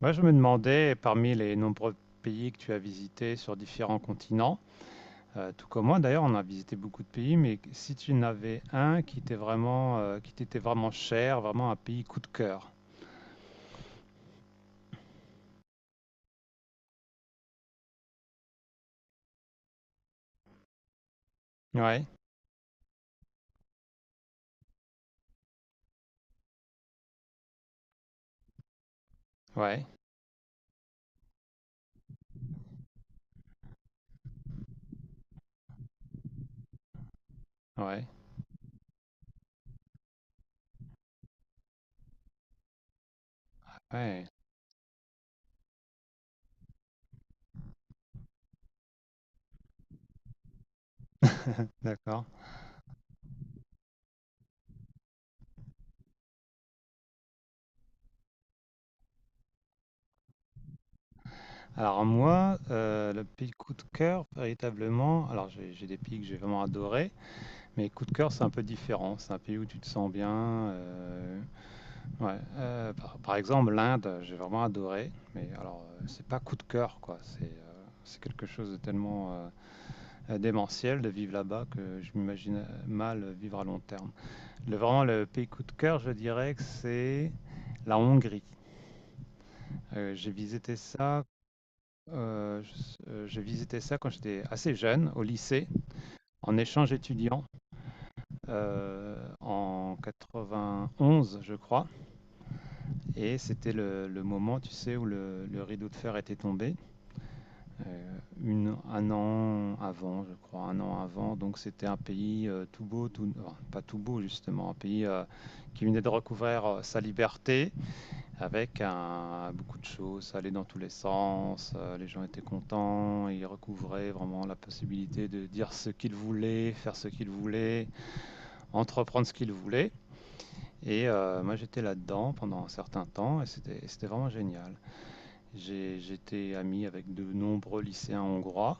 Moi, je me demandais, parmi les nombreux pays que tu as visités sur différents continents, tout comme moi d'ailleurs. On a visité beaucoup de pays, mais si tu en avais un qui t'est vraiment, qui t'était vraiment cher, vraiment un pays coup de cœur. Ouais, ouais, ouais, ouais. D'accord. Alors moi, le pays coup de cœur, véritablement. Alors j'ai des pays que j'ai vraiment adorés, mais coup de cœur, c'est un peu différent. C'est un pays où tu te sens bien. euh, Ouais, par exemple, l'Inde, j'ai vraiment adoré, mais alors, c'est pas coup de cœur, quoi. C'est quelque chose de tellement, démentiel de vivre là-bas que je m'imagine, mal, vivre à long terme. Le vraiment le pays coup de cœur, je dirais que c'est la Hongrie. J'ai visité ça, je s j'ai visité ça quand j'étais assez jeune, au lycée, en échange étudiant, heu, en 91, je crois, et c'était le moment, tu sais, où le rideau de fer était tombé. Une un an avant, je crois, un an avant. Donc c'était un pays, tout beau, tout, enfin, pas tout beau justement, un pays, qui venait de recouvrir, sa liberté avec un beaucoup de choses. Ça allait dans tous les sens, les gens étaient contents, ils recouvraient vraiment la possibilité de dire ce qu'ils voulaient, faire ce qu'ils voulaient, entreprendre ce qu'ils voulaient, et moi j'étais là-dedans pendant un certain temps, et c'était vraiment génial. J'étais ami avec de nombreux lycéens hongrois.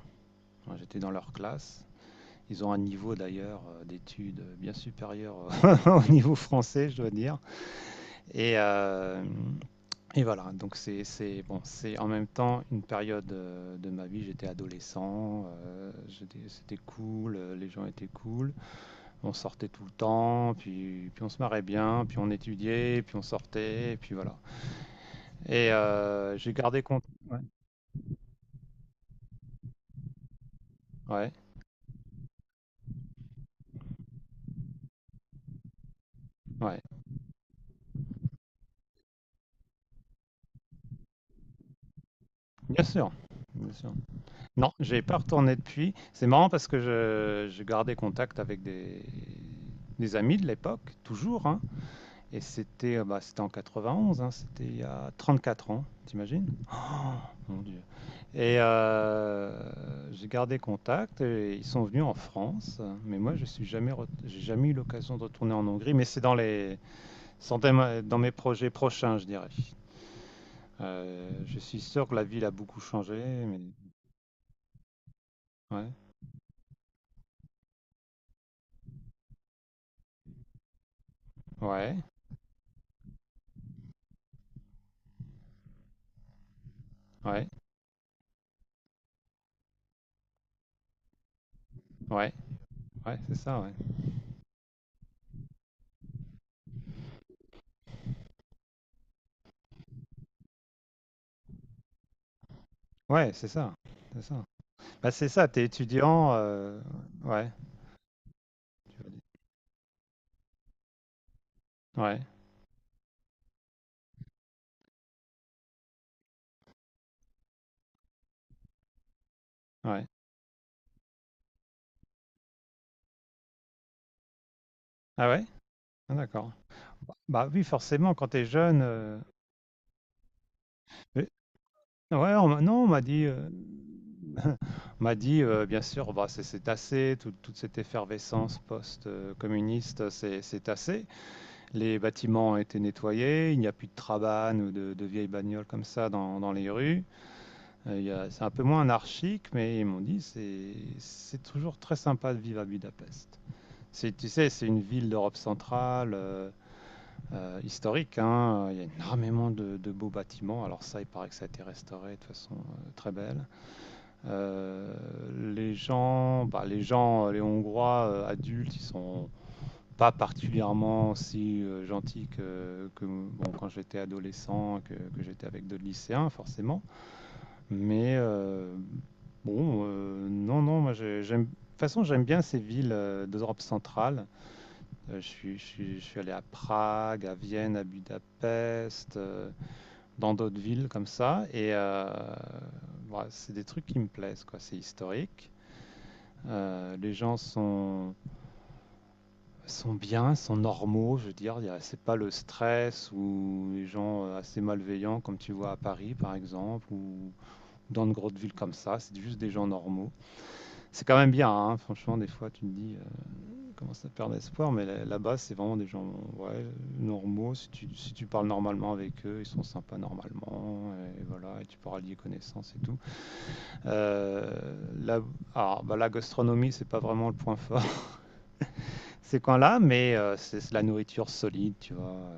J'étais dans leur classe. Ils ont un niveau d'ailleurs d'études bien supérieur au niveau français, je dois dire. Et, euh, et voilà, donc c'est bon. C'est en même temps une période de ma vie. J'étais adolescent, c'était cool, les gens étaient cool. On sortait tout le temps, puis, puis on se marrait bien, puis on étudiait, puis on sortait, et puis voilà. Et j'ai gardé compte. Ouais, ouais, ouais, bien sûr. Bien sûr. Non, j'ai pas retourné depuis. C'est marrant parce que je gardais contact avec des amis de l'époque, toujours, hein. Et c'était c'était en 91, hein, c'était il y a 34 ans, t'imagines? Oh, mon Dieu. Et j'ai gardé contact et ils sont venus en France. Mais moi, je suis jamais, j'ai jamais eu l'occasion de retourner en Hongrie. Mais c'est dans les, sans thème- dans mes projets prochains, je dirais. Je suis sûr que la ville a beaucoup changé. Mais... Ouais, ouais, ouais, ouais. Ouais, c'est ça, ouais. Ouais, c'est ça. C'est ça. Bah, c'est ça, t'es étudiant. Ouais, ouais, ouais. Ah ouais? Ah, d'accord. Bah, bah oui, forcément, quand t'es jeune. Mais- Ouais, non, on m'a dit. On m'a dit, bien sûr, bah, c'est assez, toute cette effervescence post-communiste, c'est assez. Les bâtiments ont été nettoyés, il n'y a plus de trabanes ou de vieilles bagnoles comme ça dans, dans les rues. Il y a- C'est un peu moins anarchique, mais ils m'ont dit c'est toujours très sympa de vivre à Budapest. C'est- Tu sais, c'est une ville d'Europe centrale, historique, hein. Il y a énormément de beaux bâtiments. Alors ça, il paraît que ça a été restauré de façon très belle. Euh, les gens, bah, les gens, les Hongrois adultes, ils sont pas particulièrement si gentils que, bon, quand j'étais adolescent, que j'étais avec d'autres lycéens, forcément. Mais bon, non, non, j'aime. De toute façon, j'aime bien ces villes d'Europe centrale. Je suis allé à Prague, à Vienne, à Budapest, dans d'autres villes comme ça. Et voilà, c'est des trucs qui me plaisent, quoi. C'est historique. Les gens sont, sont bien, sont normaux, je veux dire. Il y a- C'est pas le stress ou les gens assez malveillants comme tu vois à Paris, par exemple, ou dans de grosses villes comme ça. C'est juste des gens normaux. C'est quand même bien, hein. Franchement, des fois tu te dis, comment ça perd espoir, mais là-bas c'est vraiment des gens, ouais, normaux. Si tu, si tu parles normalement avec eux, ils sont sympas normalement, et voilà, et tu pourras lier connaissances et tout. Euh, là, alors, bah, la gastronomie, c'est pas vraiment le point fort ces coins-là, mais c'est la nourriture solide, tu vois.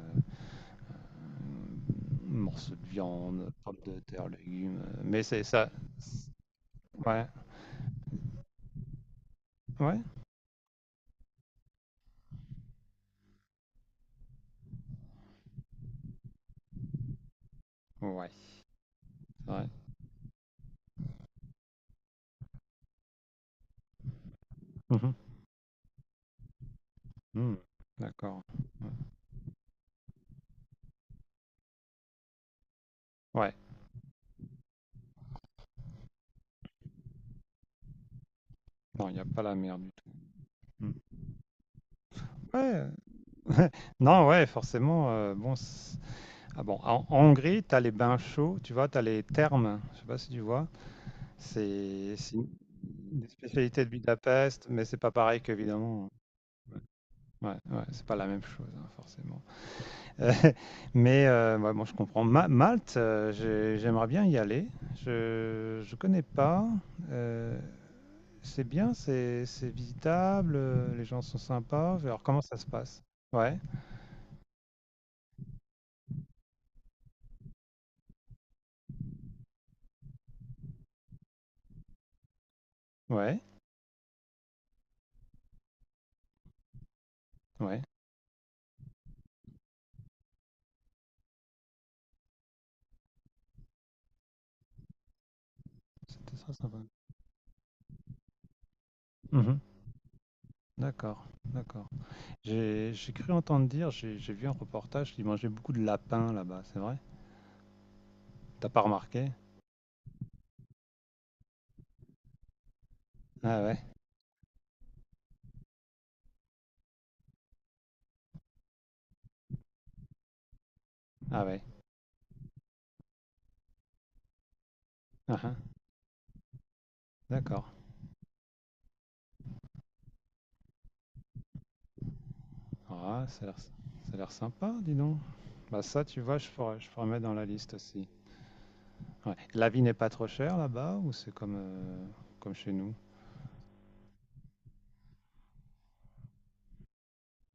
Morceaux de viande, pommes de terre, légumes. Mais c'est ça. Ouais. Ouais. Ouais. Ouais. Mhm. Mm. D'accord. Ouais. Ouais. Non, il n'y a pas la mer du tout. Mm. Ouais. Non, ouais, forcément. Bon, ah bon, en Hongrie, tu as les bains chauds, tu vois, tu as les thermes. Je sais pas si tu vois. C'est une des spécialités de Budapest, mais c'est pas pareil qu'évidemment. Ouais, ouais, ouais, c'est pas la même chose, hein, forcément. Euh, mais ouais, bon, je comprends. Malte, j'aimerais bien y aller. Je connais pas. Euh, C'est bien, c'est visitable, les gens sont sympas. Alors comment ça se passe? Ouais, ouais, ouais. C'était très sympa. Mmh. D'accord, d'accord. J'ai cru entendre dire, j'ai vu un reportage qu'ils mangeaient beaucoup de lapins là-bas, c'est vrai? T'as pas remarqué? Ah ouais? Ah ouais. Hein hein. D'accord. Ah, ça a l'air, ça a l'air sympa, dis donc. Bah ça, tu vois, je pourrais mettre dans la liste aussi. Ouais. La vie n'est pas trop chère là-bas ou c'est comme, comme chez nous?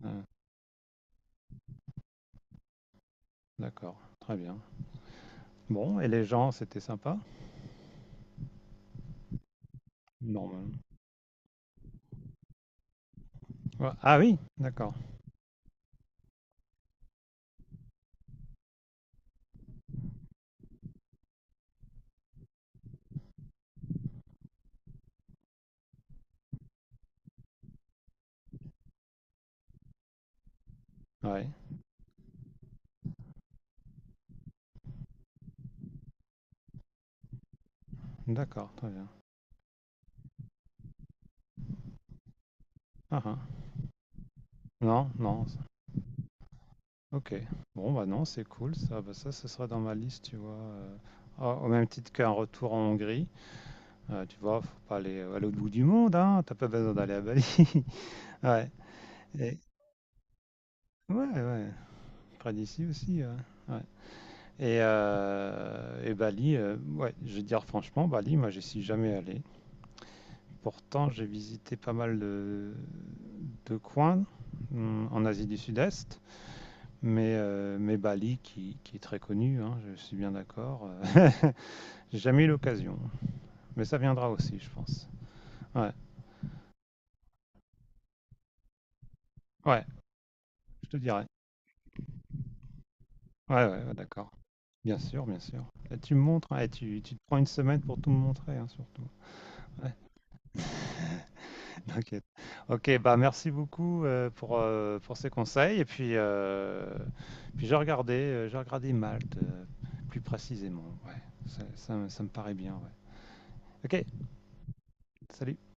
Hein. D'accord, très bien. Bon, et les gens, c'était sympa? Normal. Ouais. Ah oui, d'accord. Ouais, d'accord, très bien. Ah ah. Non, non. Ok. Bon, bah non, c'est cool ça. Bah ça, ce sera dans ma liste, tu vois. Ah, au même titre qu'un retour en Hongrie. Tu vois, faut pas aller à l'autre bout du monde, hein. T'as pas besoin d'aller à Bali. Ouais. Et- Ouais, ouais. Près d'ici aussi, ouais. Ouais. Et Bali, ouais, je vais dire franchement, Bali, moi, j'y suis jamais allé. Pourtant, j'ai visité pas mal de coin, mm, en Asie du Sud-Est. Mais Bali, qui est très connu, hein, je suis bien d'accord. J'ai jamais eu l'occasion. Mais ça viendra aussi, je pense. Ouais, ouais, je te dirai. Ouais, ouais, ouais, d'accord. Bien sûr, bien sûr. Et tu me montres, hein, et tu te prends une semaine pour tout me montrer, hein, surtout. Ouais, t'inquiète. Ok, bah merci beaucoup pour ces conseils. Et puis, puis j'ai regardé Malte plus précisément. Ouais, ça, ça me paraît bien. Ouais. Ok. Salut.